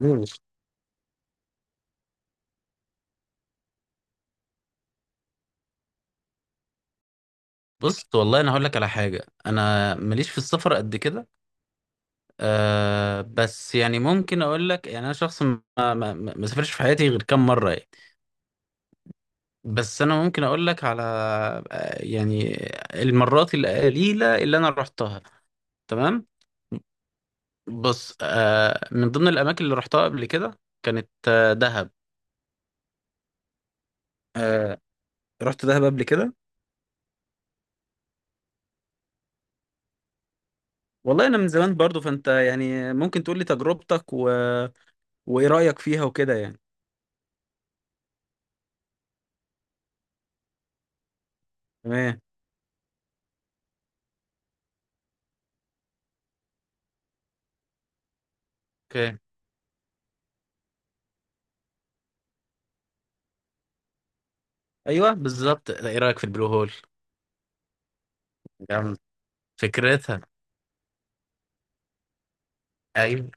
مم. بص والله انا هقول لك على حاجه، انا ماليش في السفر قد كده. أه بس يعني ممكن اقول لك، يعني انا شخص ما سافرش في حياتي غير كام مره يعني. بس انا ممكن اقول لك على يعني المرات القليله اللي انا رحتها. تمام. بص، أه من ضمن الاماكن اللي رحتها قبل كده كانت دهب. أه رحت دهب قبل كده. والله انا من زمان برضو، فانت يعني ممكن تقول لي تجربتك وايه رايك فيها وكده يعني. تمام ايوه بالظبط، ايه رايك في البلو هول؟ جامد، فكرتها. ايوه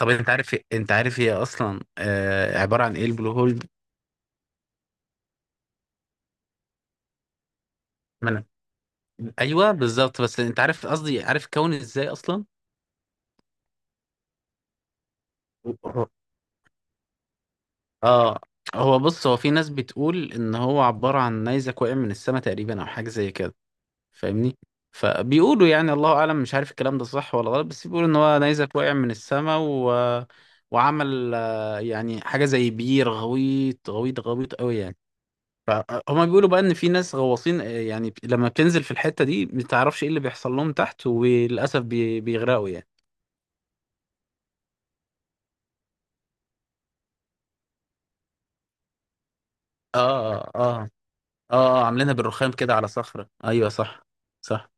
طب انت عارف هي اصلا آه عباره عن ايه البلو هول؟ ما ايوه بالظبط، بس انت عارف قصدي، عارف كون ازاي اصلا. اه هو بص، هو في ناس بتقول ان هو عباره عن نيزك وقع من السماء تقريبا او حاجه زي كده. فاهمني؟ فبيقولوا يعني الله اعلم، مش عارف الكلام ده صح ولا غلط، بس بيقولوا ان هو نيزك وقع من السماء وعمل يعني حاجه زي بير غويط قوي يعني. فهم بيقولوا بقى ان في ناس غواصين، يعني لما بتنزل في الحتة دي ما تعرفش ايه اللي بيحصل لهم تحت، وللاسف بيغرقوا يعني. اه اه اه عاملينها بالرخام كده على صخرة، ايوه صح. صح.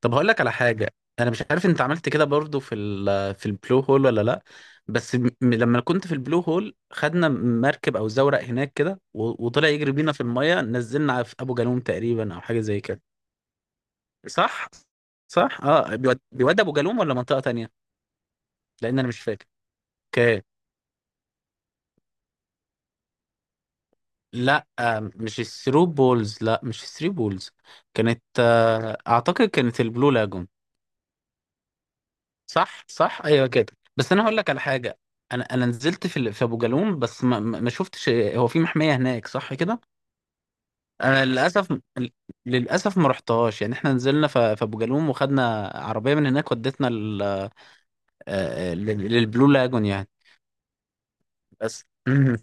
طب هقول لك على حاجة، انا مش عارف انت عملت كده برضو في في البلو هول ولا لا. بس لما كنت في البلو هول خدنا مركب او زورق هناك كده وطلع يجري بينا في المية، نزلنا في ابو جالوم تقريبا او حاجة زي كده. صح. صح اه، بيود بيود ابو جالوم ولا منطقة تانية؟ لان انا مش فاكر. اوكي. لا مش الثرو بولز، لا مش الثري بولز. كانت اعتقد كانت البلو لاجون. صح صح ايوه كده. بس انا هقول لك على حاجه، انا نزلت في في ابو جالوم بس ما شفتش، هو في محميه هناك صح كده؟ انا للاسف، للاسف ما رحتهاش يعني، احنا نزلنا في ابو جالوم وخدنا عربيه من هناك ودتنا لل للبلو لاجون يعني. بس مم،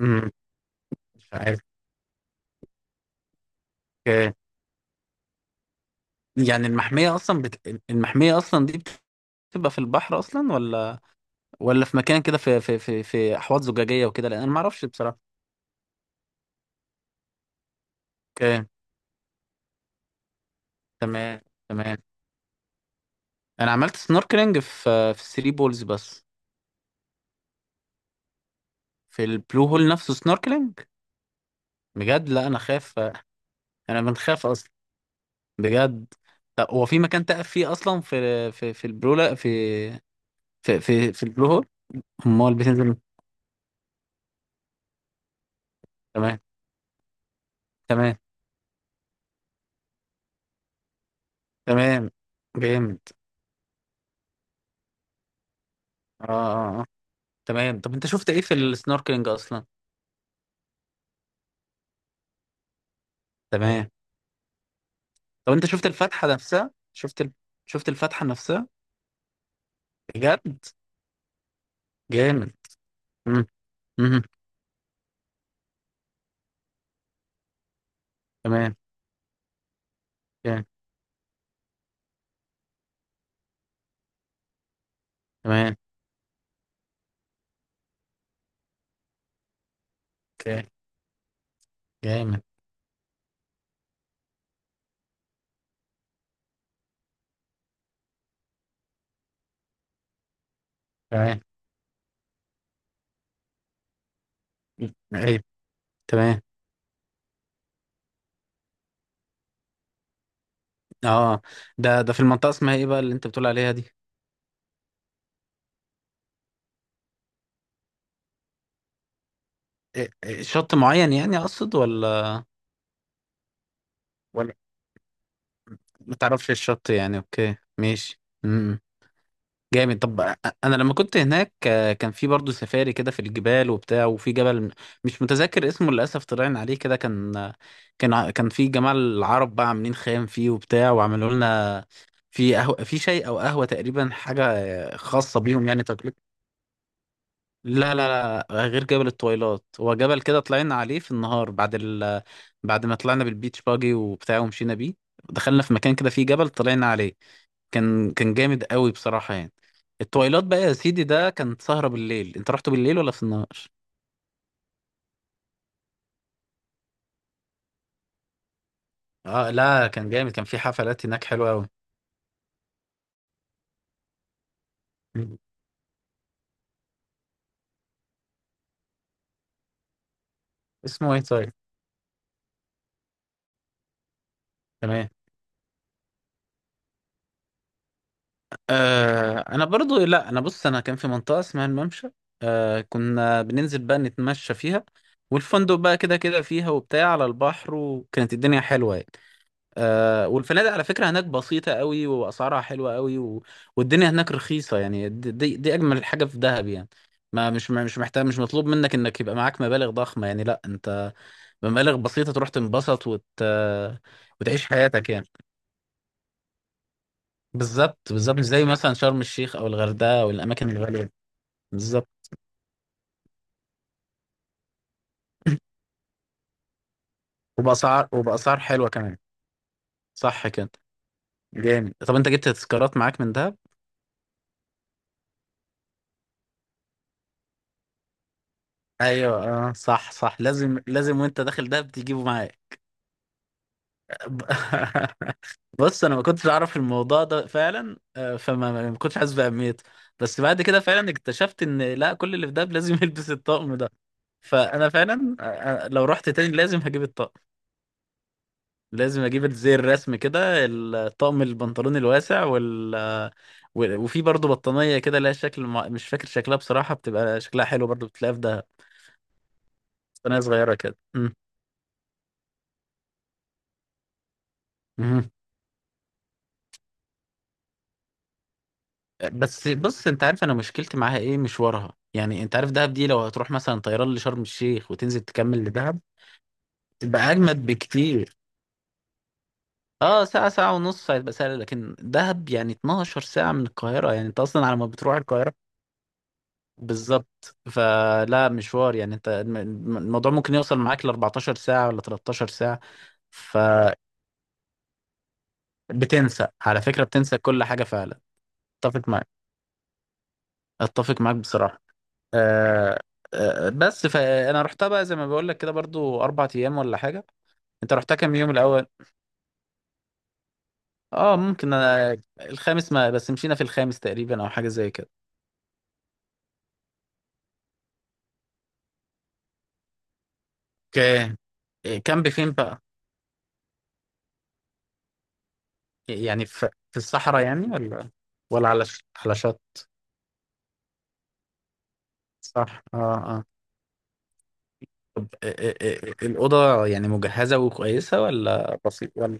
مم، مش عارف. يعني المحمية أصلا المحمية أصلا دي بتبقى في البحر أصلا ولا، ولا في مكان كده في في أحواض زجاجية وكده؟ لأن أنا ما أعرفش بصراحة. أوكي. تمام. تمام، أنا عملت سنوركلينج في في الثري بولز بس. في البلو هول نفسه سنوركلينج؟ بجد؟ لا أنا خاف، أنا بنخاف أصلا، بجد. طب هو في مكان تقف فيه أصلا في، في في البلو هول؟ أمال بتنزل. تمام. تمام. تمام. جامد. اه اه آه. تمام طب انت شفت ايه في السنوركلينج اصلا؟ تمام طب انت شفت الفتحه نفسها؟ شفت شفت الفتحه نفسها؟ بجد؟ جامد. مم. مم. تمام. جامد. تمام. اوكي. جامد. تمام. ايه. تمام. اه، ده في المنطقه اسمها ايه بقى اللي انت بتقول عليها دي؟ إيه- إيه، شط معين يعني اقصد ولا، ولا ما تعرفش الشط يعني؟ اوكي ماشي. مم. جامد. طب انا لما كنت هناك كان في برضه سفاري كده في الجبال وبتاع، وفي جبل مش متذكر اسمه للاسف طلعنا عليه كده، كان كان في جماعه العرب بقى عاملين خيام فيه وبتاع، وعملوا لنا في قهوه في شاي او قهوه تقريبا، حاجه خاصه بيهم يعني تقليد. لا لا لا غير جبل الطويلات، هو جبل كده طلعنا عليه في النهار بعد بعد ما طلعنا بالبيتش باجي وبتاع ومشينا بيه، دخلنا في مكان كده فيه جبل طلعنا عليه، كان جامد قوي بصراحة يعني. التويلات بقى يا سيدي، ده كانت سهرة بالليل، انت رحت بالليل ولا في النهار؟ اه لا كان جامد، كان في حفلات هناك حلوة قوي. اسمه ايه طيب؟ تمام. آه انا برضو، لا انا بص، انا كان في منطقة اسمها الممشى، آه كنا بننزل بقى نتمشى فيها، والفندق بقى كده كده فيها وبتاع على البحر، وكانت الدنيا حلوة يعني. آه والفنادق على فكرة هناك بسيطة قوي وأسعارها حلوة قوي والدنيا هناك رخيصة يعني. دي أجمل حاجة في دهب يعني. ما مش محتاج، مش مطلوب منك إنك يبقى معاك مبالغ ضخمة يعني، لا أنت بمبالغ بسيطة تروح تنبسط وتعيش حياتك يعني. بالظبط بالظبط، مش زي مثلا شرم الشيخ أو الغردقة أو الأماكن الغالية. بالظبط. وبأسعار حلوة كمان. صح كده. جامد. طب أنت جبت تذكارات معاك من دهب؟ ايوه اه صح، لازم وانت داخل دهب تجيبه معاك. بص انا ما كنتش اعرف الموضوع ده فعلا، آه، فما ما ما كنتش حاسس باهميته، بس بعد كده فعلا اكتشفت ان لا كل اللي في دهب لازم يلبس الطقم ده. فانا فعلا، لو رحت تاني لازم هجيب الطقم، لازم اجيب زي الرسم كده الطقم، البنطلون الواسع وفي برضه بطانيه كده لها شكل مش فاكر شكلها بصراحه، بتبقى شكلها حلو برضه بتلاقيها في دهب، بطانيه صغيره كده. مم. بس بص، انت عارف انا مشكلتي معاها ايه؟ مشوارها يعني. انت عارف دهب دي لو هتروح مثلا طيران لشرم الشيخ وتنزل تكمل لدهب تبقى اجمد بكتير. اه ساعة ساعة ونص هيبقى سهل، لكن دهب يعني 12 ساعة من القاهرة، يعني انت اصلا على ما بتروح القاهرة. بالظبط، فلا مشوار يعني، انت الموضوع ممكن يوصل معاك ل 14 ساعة ولا 13 ساعة. فبتنسى، على فكرة بتنسى كل حاجة فعلا. اتفق معاك، اتفق معاك بصراحة. آه. آه بس، فانا رحتها بقى زي ما بقول لك كده برضو اربع ايام ولا حاجه. انت رحتها كام يوم الاول؟ اه ممكن انا الخامس ما بس مشينا في الخامس تقريبا او حاجه زي كده. اوكي. إيه، كامب فين بقى؟ يعني في في الصحراء يعني، ولا، ولا على على شط؟ صح اه اه. طب إيه- إيه- إيه، الاوضه يعني مجهزه وكويسه ولا بسيط ولا؟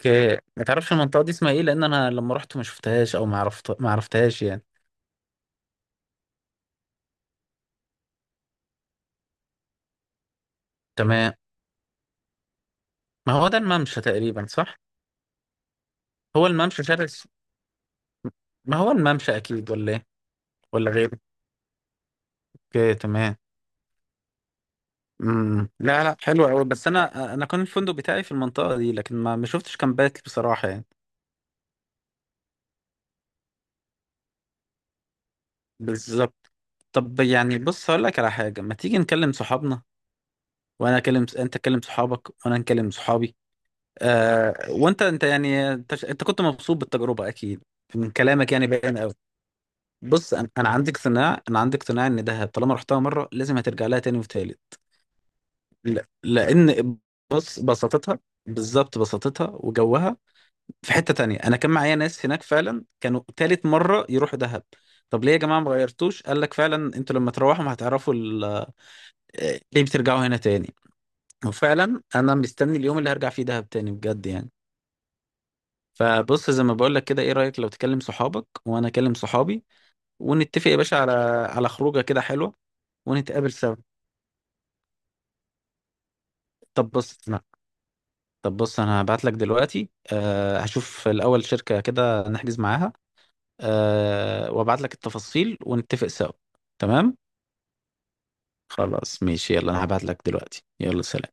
اوكي، ما تعرفش المنطقه دي اسمها ايه؟ لان انا لما رحت ما شفتهاش، او ما عرفت ما عرفتهاش يعني. تمام. ما هو ده الممشى تقريبا صح؟ هو الممشى شارع ما هو الممشى اكيد ولا ايه، ولا غيره؟ اوكي تمام. امم، لا لا حلو قوي، بس انا كان الفندق بتاعي في المنطقه دي لكن ما شفتش كامبات بصراحه يعني. بالظبط. طب يعني بص هقول لك على حاجه، ما تيجي نكلم صحابنا، وانا اكلم انت تكلم صحابك وانا نكلم صحابي. آه وانت انت يعني انت, ش- انت كنت مبسوط بالتجربه اكيد، من كلامك يعني باين قوي. بص انا عندي اقتناع، عندي اقتناع ان دهب طالما رحتها مره لازم هترجع لها تاني وتالت. لان بص بساطتها، بالظبط بساطتها وجوها. في حتة تانية، انا كان معايا ناس هناك فعلا كانوا تالت مرة يروحوا دهب. طب ليه يا جماعة ما غيرتوش؟ قال لك فعلا انتوا لما تروحوا هتعرفوا ليه بترجعوا هنا تاني. وفعلا انا مستني اليوم اللي هرجع فيه دهب تاني بجد يعني. فبص زي ما بقول لك كده، ايه رأيك لو تكلم صحابك وانا اكلم صحابي، ونتفق يا باشا على، على خروجه كده حلوة، ونتقابل سوا. طب بص طب بص انا هبعت لك دلوقتي أه، هشوف الاول شركة كده نحجز معاها، أه وابعت لك التفاصيل ونتفق سوا. تمام. خلاص ماشي، يلا انا هبعت لك دلوقتي، يلا سلام.